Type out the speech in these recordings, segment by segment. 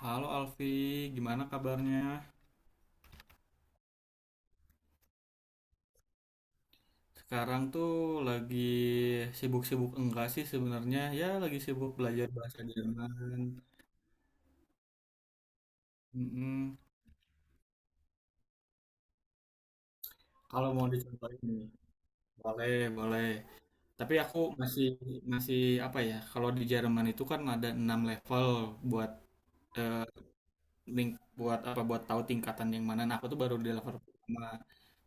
Halo Alfi, gimana kabarnya? Sekarang tuh lagi sibuk-sibuk enggak sih sebenarnya? Ya lagi sibuk belajar bahasa Jerman. Mm-mm. Kalau mau dicontohin nih, boleh, boleh. Tapi aku masih masih apa ya? Kalau di Jerman itu kan ada 6 level buat eh, link buat apa buat tahu tingkatan yang mana. Nah, aku tuh baru di level pertama.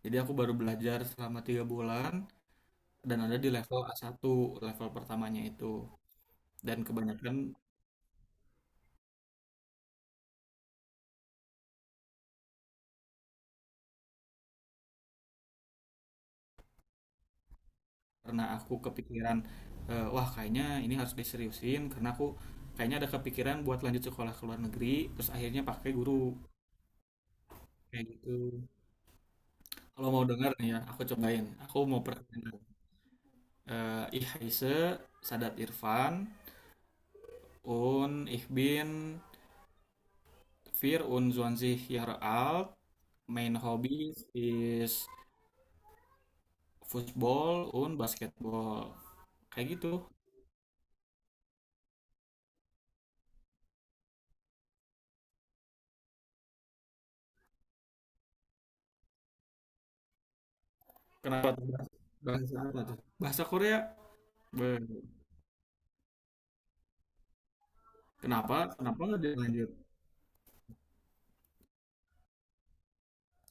Jadi aku baru belajar selama tiga bulan dan ada di level a satu level pertamanya itu. Dan kebanyakan karena aku kepikiran, wah kayaknya ini harus diseriusin karena aku kayaknya ada kepikiran buat lanjut sekolah ke luar negeri terus akhirnya pakai guru kayak gitu. Kalau mau denger nih ya aku cobain, aku mau perkenalkan. eh Ihse Sadat Irfan und ich bin wir und 20 Jahre alt, main hobby is football und basketball. Kayak gitu. Kenapa tuh? Bahasa apa tuh, bahasa Korea. Be-. Kenapa? Kenapa nggak dilanjut?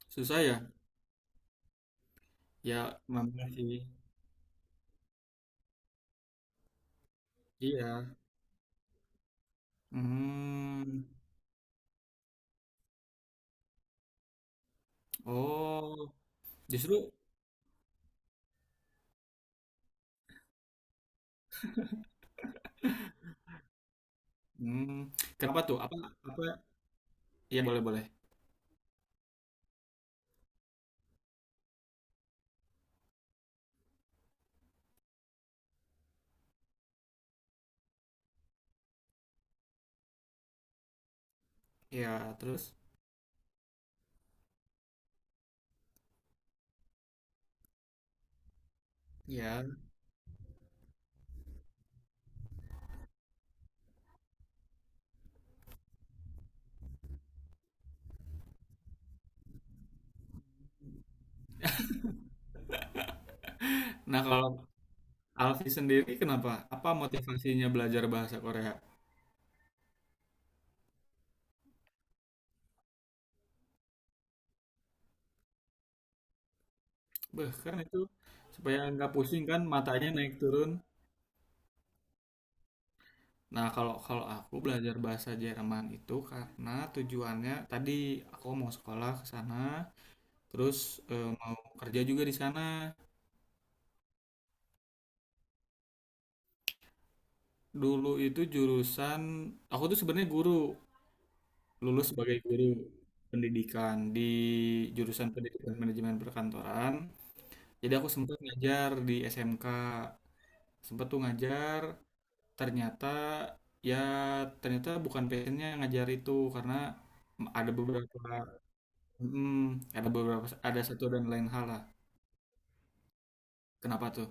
Susah ya? Ya, memang sih. Iya. Hmm. Oh, justru hmm, kenapa tuh? Apa apa ya, boleh-boleh. Ya, terus ya. Nah, kalau Alfi sendiri kenapa? Apa motivasinya belajar bahasa Korea? Beh, kan itu supaya nggak pusing kan matanya naik turun. Nah, kalau kalau aku belajar bahasa Jerman itu karena tujuannya tadi aku mau sekolah ke sana, terus mau kerja juga di sana. Dulu itu jurusan aku tuh sebenarnya guru, lulus sebagai guru pendidikan di jurusan pendidikan manajemen perkantoran. Jadi aku sempat ngajar di SMK, sempat tuh ngajar, ternyata ya ternyata bukan passionnya ngajar itu karena ada beberapa, mm, ada beberapa ada satu dan lain hal lah. Kenapa tuh?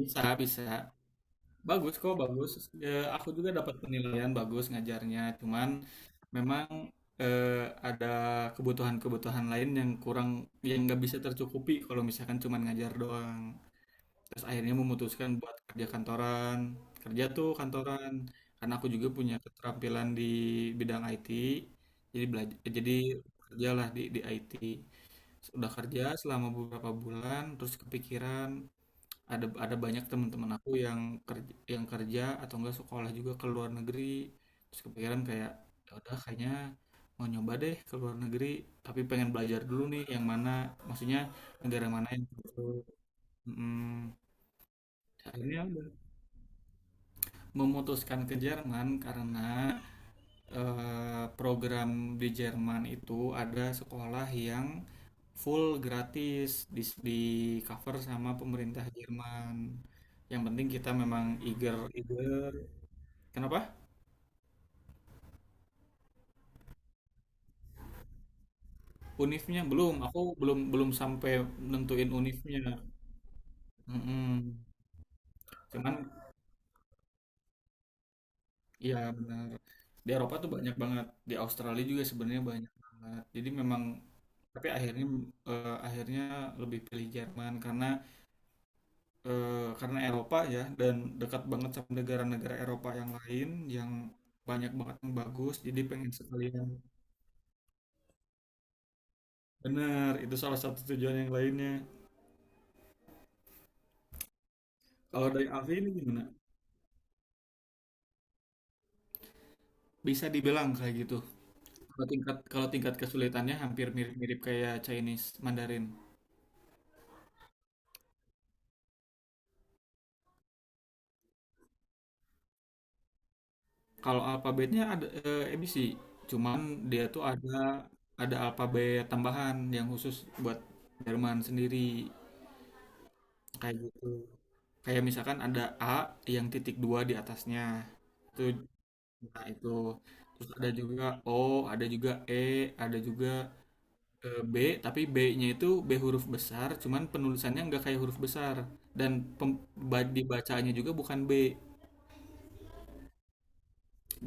Bisa, bisa. Bagus kok, bagus. Eh, aku juga dapat penilaian bagus ngajarnya, cuman memang eh, ada kebutuhan-kebutuhan lain yang kurang, yang nggak bisa tercukupi kalau misalkan cuman ngajar doang. Terus akhirnya memutuskan buat kerja kantoran, kerja tuh kantoran. Karena aku juga punya keterampilan di bidang IT, jadi belajar, jadi kerjalah di IT. Udah kerja selama beberapa bulan, terus kepikiran, ada banyak teman-teman aku yang kerja atau enggak sekolah juga ke luar negeri. Terus kepikiran kayak ya udah kayaknya mau nyoba deh ke luar negeri, tapi pengen belajar dulu nih yang mana, maksudnya negara mana yang cocok. Mm, akhirnya udah memutuskan ke Jerman karena program di Jerman itu ada sekolah yang full gratis di, di cover sama pemerintah Jerman. Yang penting kita memang eager eager. Kenapa? Unifnya belum. Aku belum belum sampai nentuin unifnya. Mm-mm. Cuman ya benar. Di Eropa tuh banyak banget. Di Australia juga sebenarnya banyak banget. Jadi memang tapi akhirnya, akhirnya lebih pilih Jerman karena eh, karena Eropa ya dan dekat banget sama negara-negara Eropa yang lain yang banyak banget yang bagus jadi pengen sekalian, bener itu salah satu tujuan yang lainnya. Kalau dari Avi ini gimana, bisa dibilang kayak gitu. Kalau tingkat, kalau tingkat kesulitannya hampir mirip-mirip kayak Chinese Mandarin. Kalau alfabetnya ada, ABC, cuman dia tuh ada alfabet tambahan yang khusus buat Jerman sendiri. Kayak gitu, kayak misalkan ada A yang titik dua di atasnya itu, nah itu. Terus ada juga O, ada juga E, ada juga B, tapi B-nya itu B huruf besar cuman penulisannya nggak kayak huruf besar dan pem- dibacanya juga bukan B.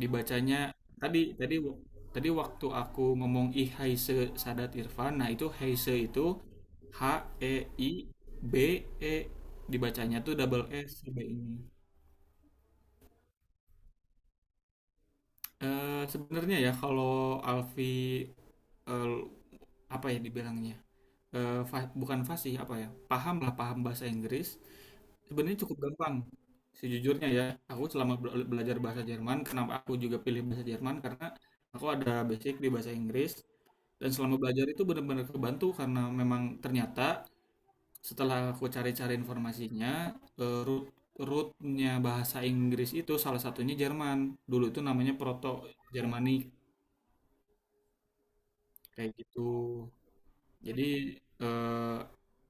Dibacanya tadi tadi w- tadi waktu aku ngomong I Haise Sadat Irfan, nah itu Haise itu H E I B E, dibacanya tuh double S si B ini. Eh, sebenarnya ya kalau Alfi, eh, apa ya dibilangnya, bukan fasih apa ya, paham lah paham bahasa Inggris sebenarnya cukup gampang sejujurnya ya. Aku selama belajar bahasa Jerman, kenapa aku juga pilih bahasa Jerman karena aku ada basic di bahasa Inggris dan selama belajar itu benar-benar kebantu karena memang ternyata setelah aku cari-cari informasinya, root rootnya bahasa Inggris itu salah satunya Jerman, dulu itu namanya Proto Jermanik kayak gitu. Jadi eh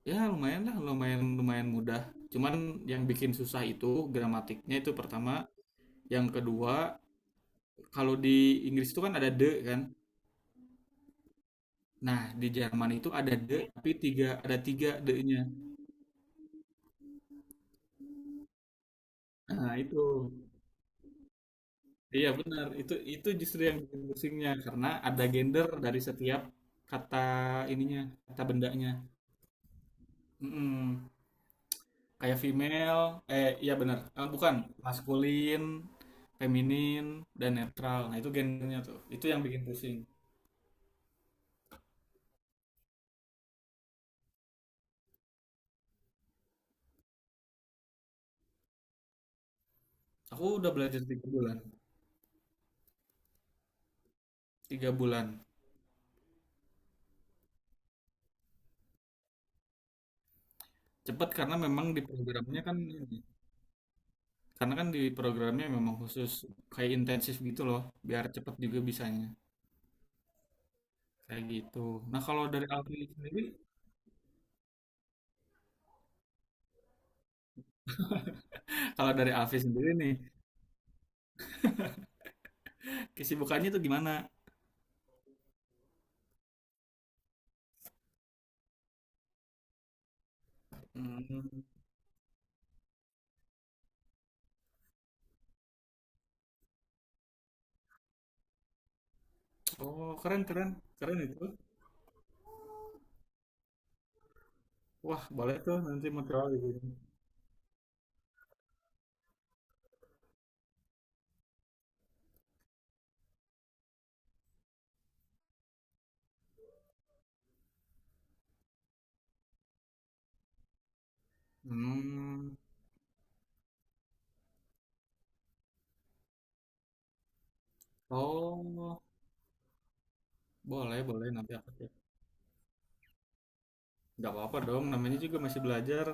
ya lumayan lah, lumayan lumayan mudah. Cuman yang bikin susah itu gramatiknya itu pertama, yang kedua kalau di Inggris itu kan ada de kan. Nah, di Jerman itu ada de tapi tiga ada tiga de-nya. Nah, itu. Iya benar, itu justru yang bikin pusingnya karena ada gender dari setiap kata ininya, kata bendanya. Mm-mm. Kayak female, eh iya bener. Eh, bukan maskulin, feminin dan netral, nah itu gendernya tuh itu yang bikin pusing. Aku udah belajar tiga bulan, tiga bulan cepet karena memang di programnya kan ini, karena kan di programnya memang khusus kayak intensif gitu loh biar cepet juga bisanya, kayak gitu. Nah, kalau dari Alfi sendiri kalau dari Alfi sendiri nih kesibukannya tuh gimana. Hmm, oh keren keren, keren itu. Wah boleh tuh nanti material gitu. Hmm, oh, boleh, boleh. Nanti aku cek. Nggak apa-apa dong, namanya juga masih belajar.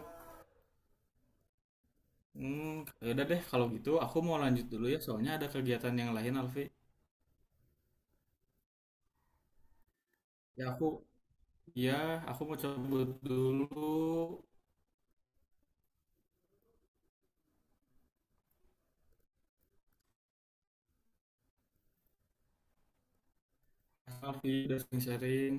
Hmm, ya udah deh, kalau gitu aku mau lanjut dulu ya, soalnya ada kegiatan yang lain, Alfi. Ya aku, ya aku mau cabut dulu. Alfi udah sering sharing.